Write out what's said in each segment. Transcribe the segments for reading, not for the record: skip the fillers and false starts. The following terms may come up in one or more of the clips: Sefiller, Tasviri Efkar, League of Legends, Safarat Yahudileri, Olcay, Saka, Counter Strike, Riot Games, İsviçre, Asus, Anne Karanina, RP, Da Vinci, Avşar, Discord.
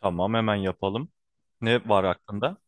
Tamam hemen yapalım. Ne var aklında?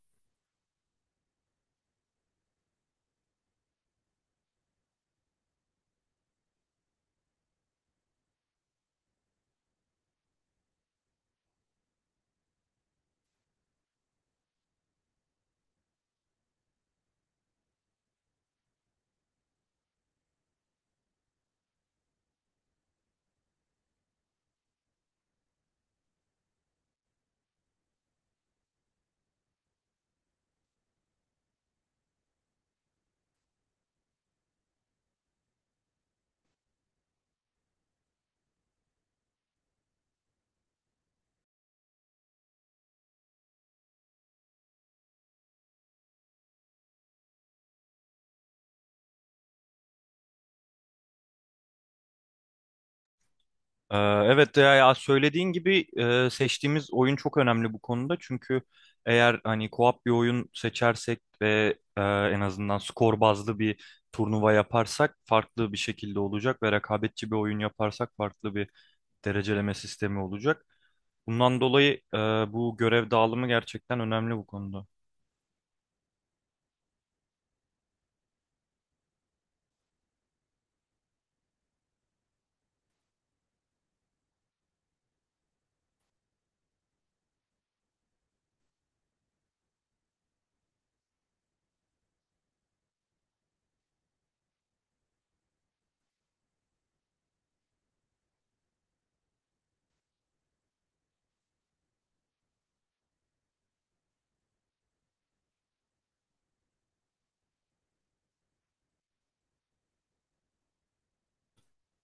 Evet ya, ya söylediğin gibi seçtiğimiz oyun çok önemli bu konuda. Çünkü eğer hani co-op bir oyun seçersek ve en azından skor bazlı bir turnuva yaparsak farklı bir şekilde olacak ve rekabetçi bir oyun yaparsak farklı bir dereceleme sistemi olacak. Bundan dolayı bu görev dağılımı gerçekten önemli bu konuda.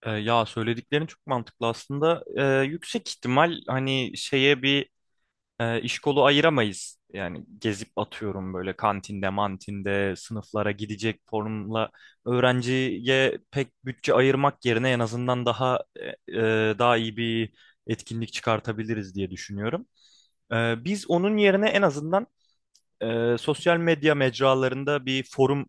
Ya söylediklerin çok mantıklı aslında. Yüksek ihtimal hani şeye bir iş kolu ayıramayız. Yani gezip atıyorum böyle kantinde, mantinde, sınıflara gidecek formla öğrenciye pek bütçe ayırmak yerine en azından daha daha iyi bir etkinlik çıkartabiliriz diye düşünüyorum. Biz onun yerine en azından sosyal medya mecralarında bir forum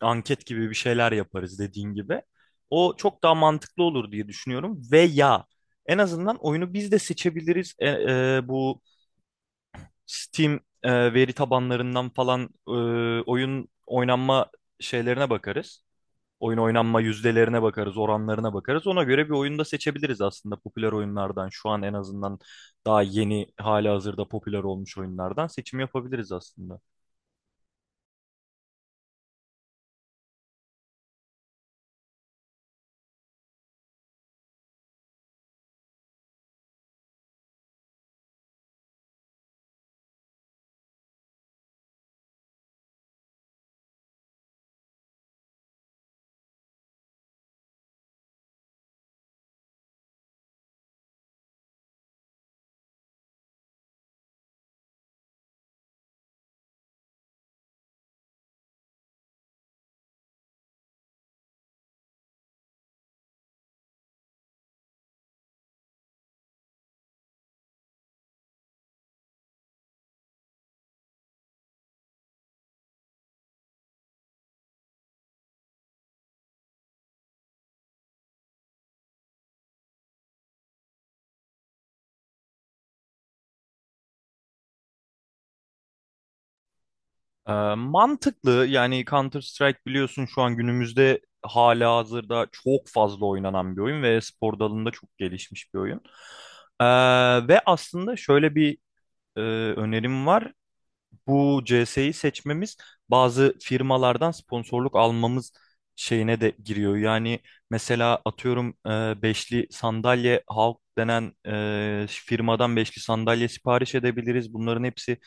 anket gibi bir şeyler yaparız dediğin gibi. O çok daha mantıklı olur diye düşünüyorum. Veya en azından oyunu biz de seçebiliriz. Bu Steam veri tabanlarından falan e, oyun oynanma şeylerine bakarız. Oyun oynanma yüzdelerine bakarız, oranlarına bakarız. Ona göre bir oyunu da seçebiliriz aslında popüler oyunlardan. Şu an en azından daha yeni, hali hazırda popüler olmuş oyunlardan seçim yapabiliriz aslında. Mantıklı yani Counter Strike biliyorsun şu an günümüzde hali hazırda çok fazla oynanan bir oyun ve spor dalında çok gelişmiş bir oyun. E, Ve aslında şöyle bir e, önerim var. Bu CS'yi seçmemiz bazı firmalardan sponsorluk almamız şeyine de giriyor. Yani mesela atıyorum beşli sandalye Halk denen firmadan beşli sandalye sipariş edebiliriz. Bunların hepsi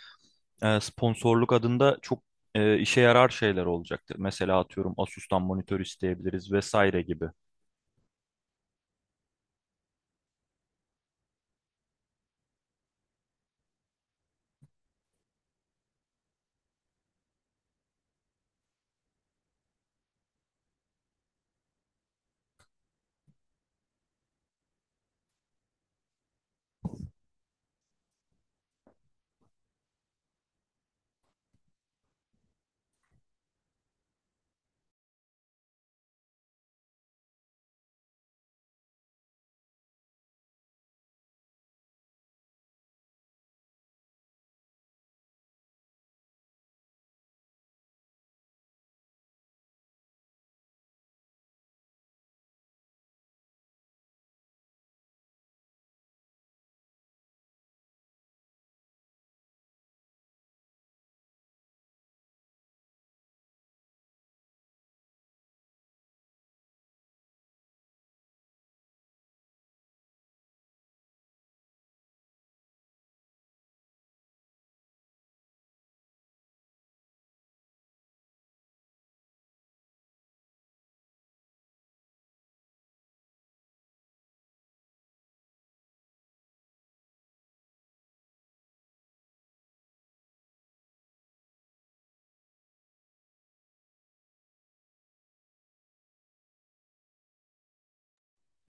sponsorluk adında çok işe yarar şeyler olacaktır. Mesela atıyorum Asus'tan monitör isteyebiliriz vesaire gibi.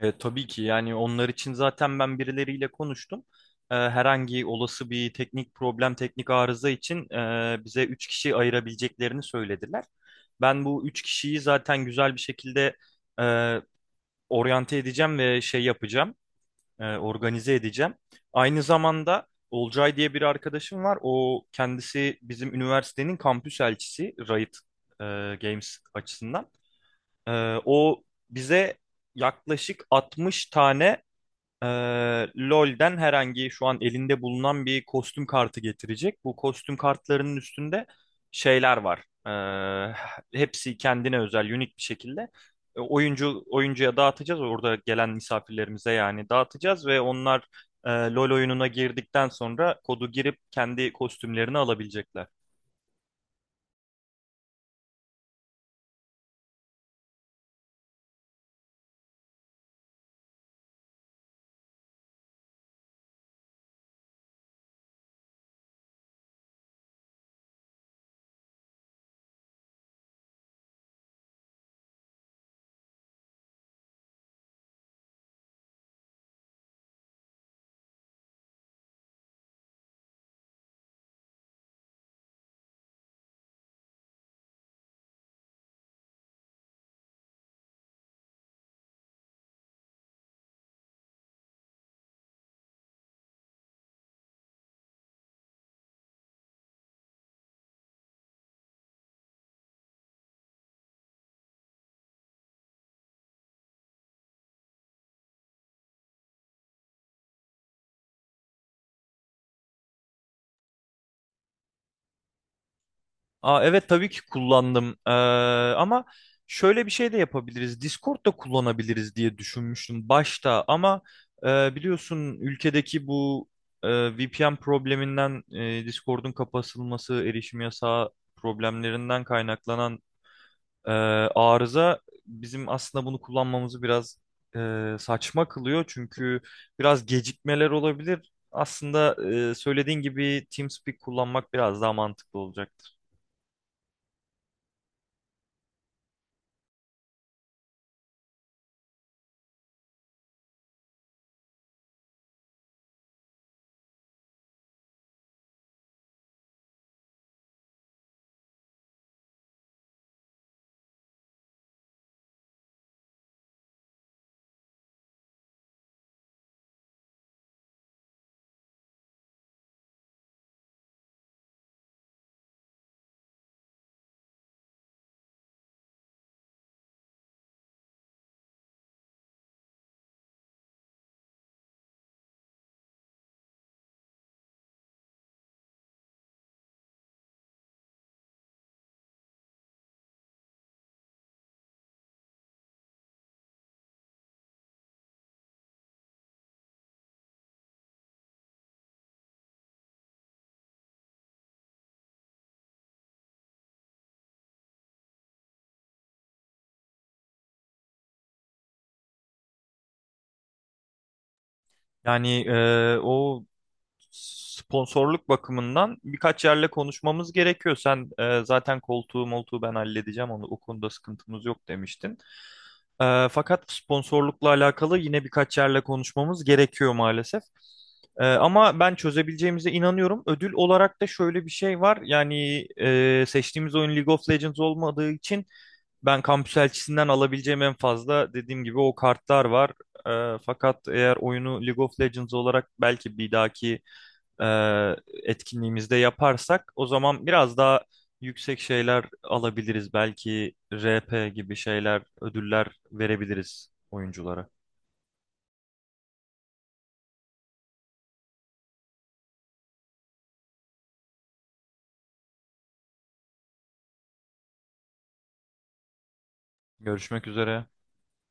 Tabii ki yani onlar için zaten ben birileriyle konuştum. Herhangi olası bir teknik problem, teknik arıza için bize 3 kişi ayırabileceklerini söylediler. Ben bu 3 kişiyi zaten güzel bir şekilde e, oryante edeceğim ve şey yapacağım, organize edeceğim. Aynı zamanda Olcay diye bir arkadaşım var. O kendisi bizim üniversitenin kampüs elçisi Riot e, Games açısından. E, O bize yaklaşık 60 tane ee, LoL'den herhangi şu an elinde bulunan bir kostüm kartı getirecek. Bu kostüm kartlarının üstünde şeyler var. Hepsi kendine özel, unik bir şekilde. Oyuncu oyuncuya dağıtacağız. Orada gelen misafirlerimize yani dağıtacağız ve onlar LoL oyununa girdikten sonra kodu girip kendi kostümlerini alabilecekler. Aa, evet tabii ki kullandım. Ama şöyle bir şey de yapabiliriz. Discord da kullanabiliriz diye düşünmüştüm başta ama biliyorsun ülkedeki bu VPN probleminden Discord'un kapatılması, erişim yasağı problemlerinden kaynaklanan e, arıza bizim aslında bunu kullanmamızı biraz saçma kılıyor. Çünkü biraz gecikmeler olabilir. Aslında söylediğin gibi TeamSpeak kullanmak biraz daha mantıklı olacak. Yani o sponsorluk bakımından birkaç yerle konuşmamız gerekiyor. Sen zaten koltuğu moltuğu ben halledeceğim onu. O konuda sıkıntımız yok demiştin. Fakat sponsorlukla alakalı yine birkaç yerle konuşmamız gerekiyor maalesef. Ama ben çözebileceğimize inanıyorum. Ödül olarak da şöyle bir şey var. Yani seçtiğimiz oyun League of Legends olmadığı için ben kampüs elçisinden alabileceğim en fazla dediğim gibi o kartlar var. Fakat eğer oyunu League of Legends olarak belki bir dahaki e, etkinliğimizde yaparsak o zaman biraz daha yüksek şeyler alabiliriz. Belki RP gibi şeyler, ödüller verebiliriz oyunculara. Görüşmek üzere.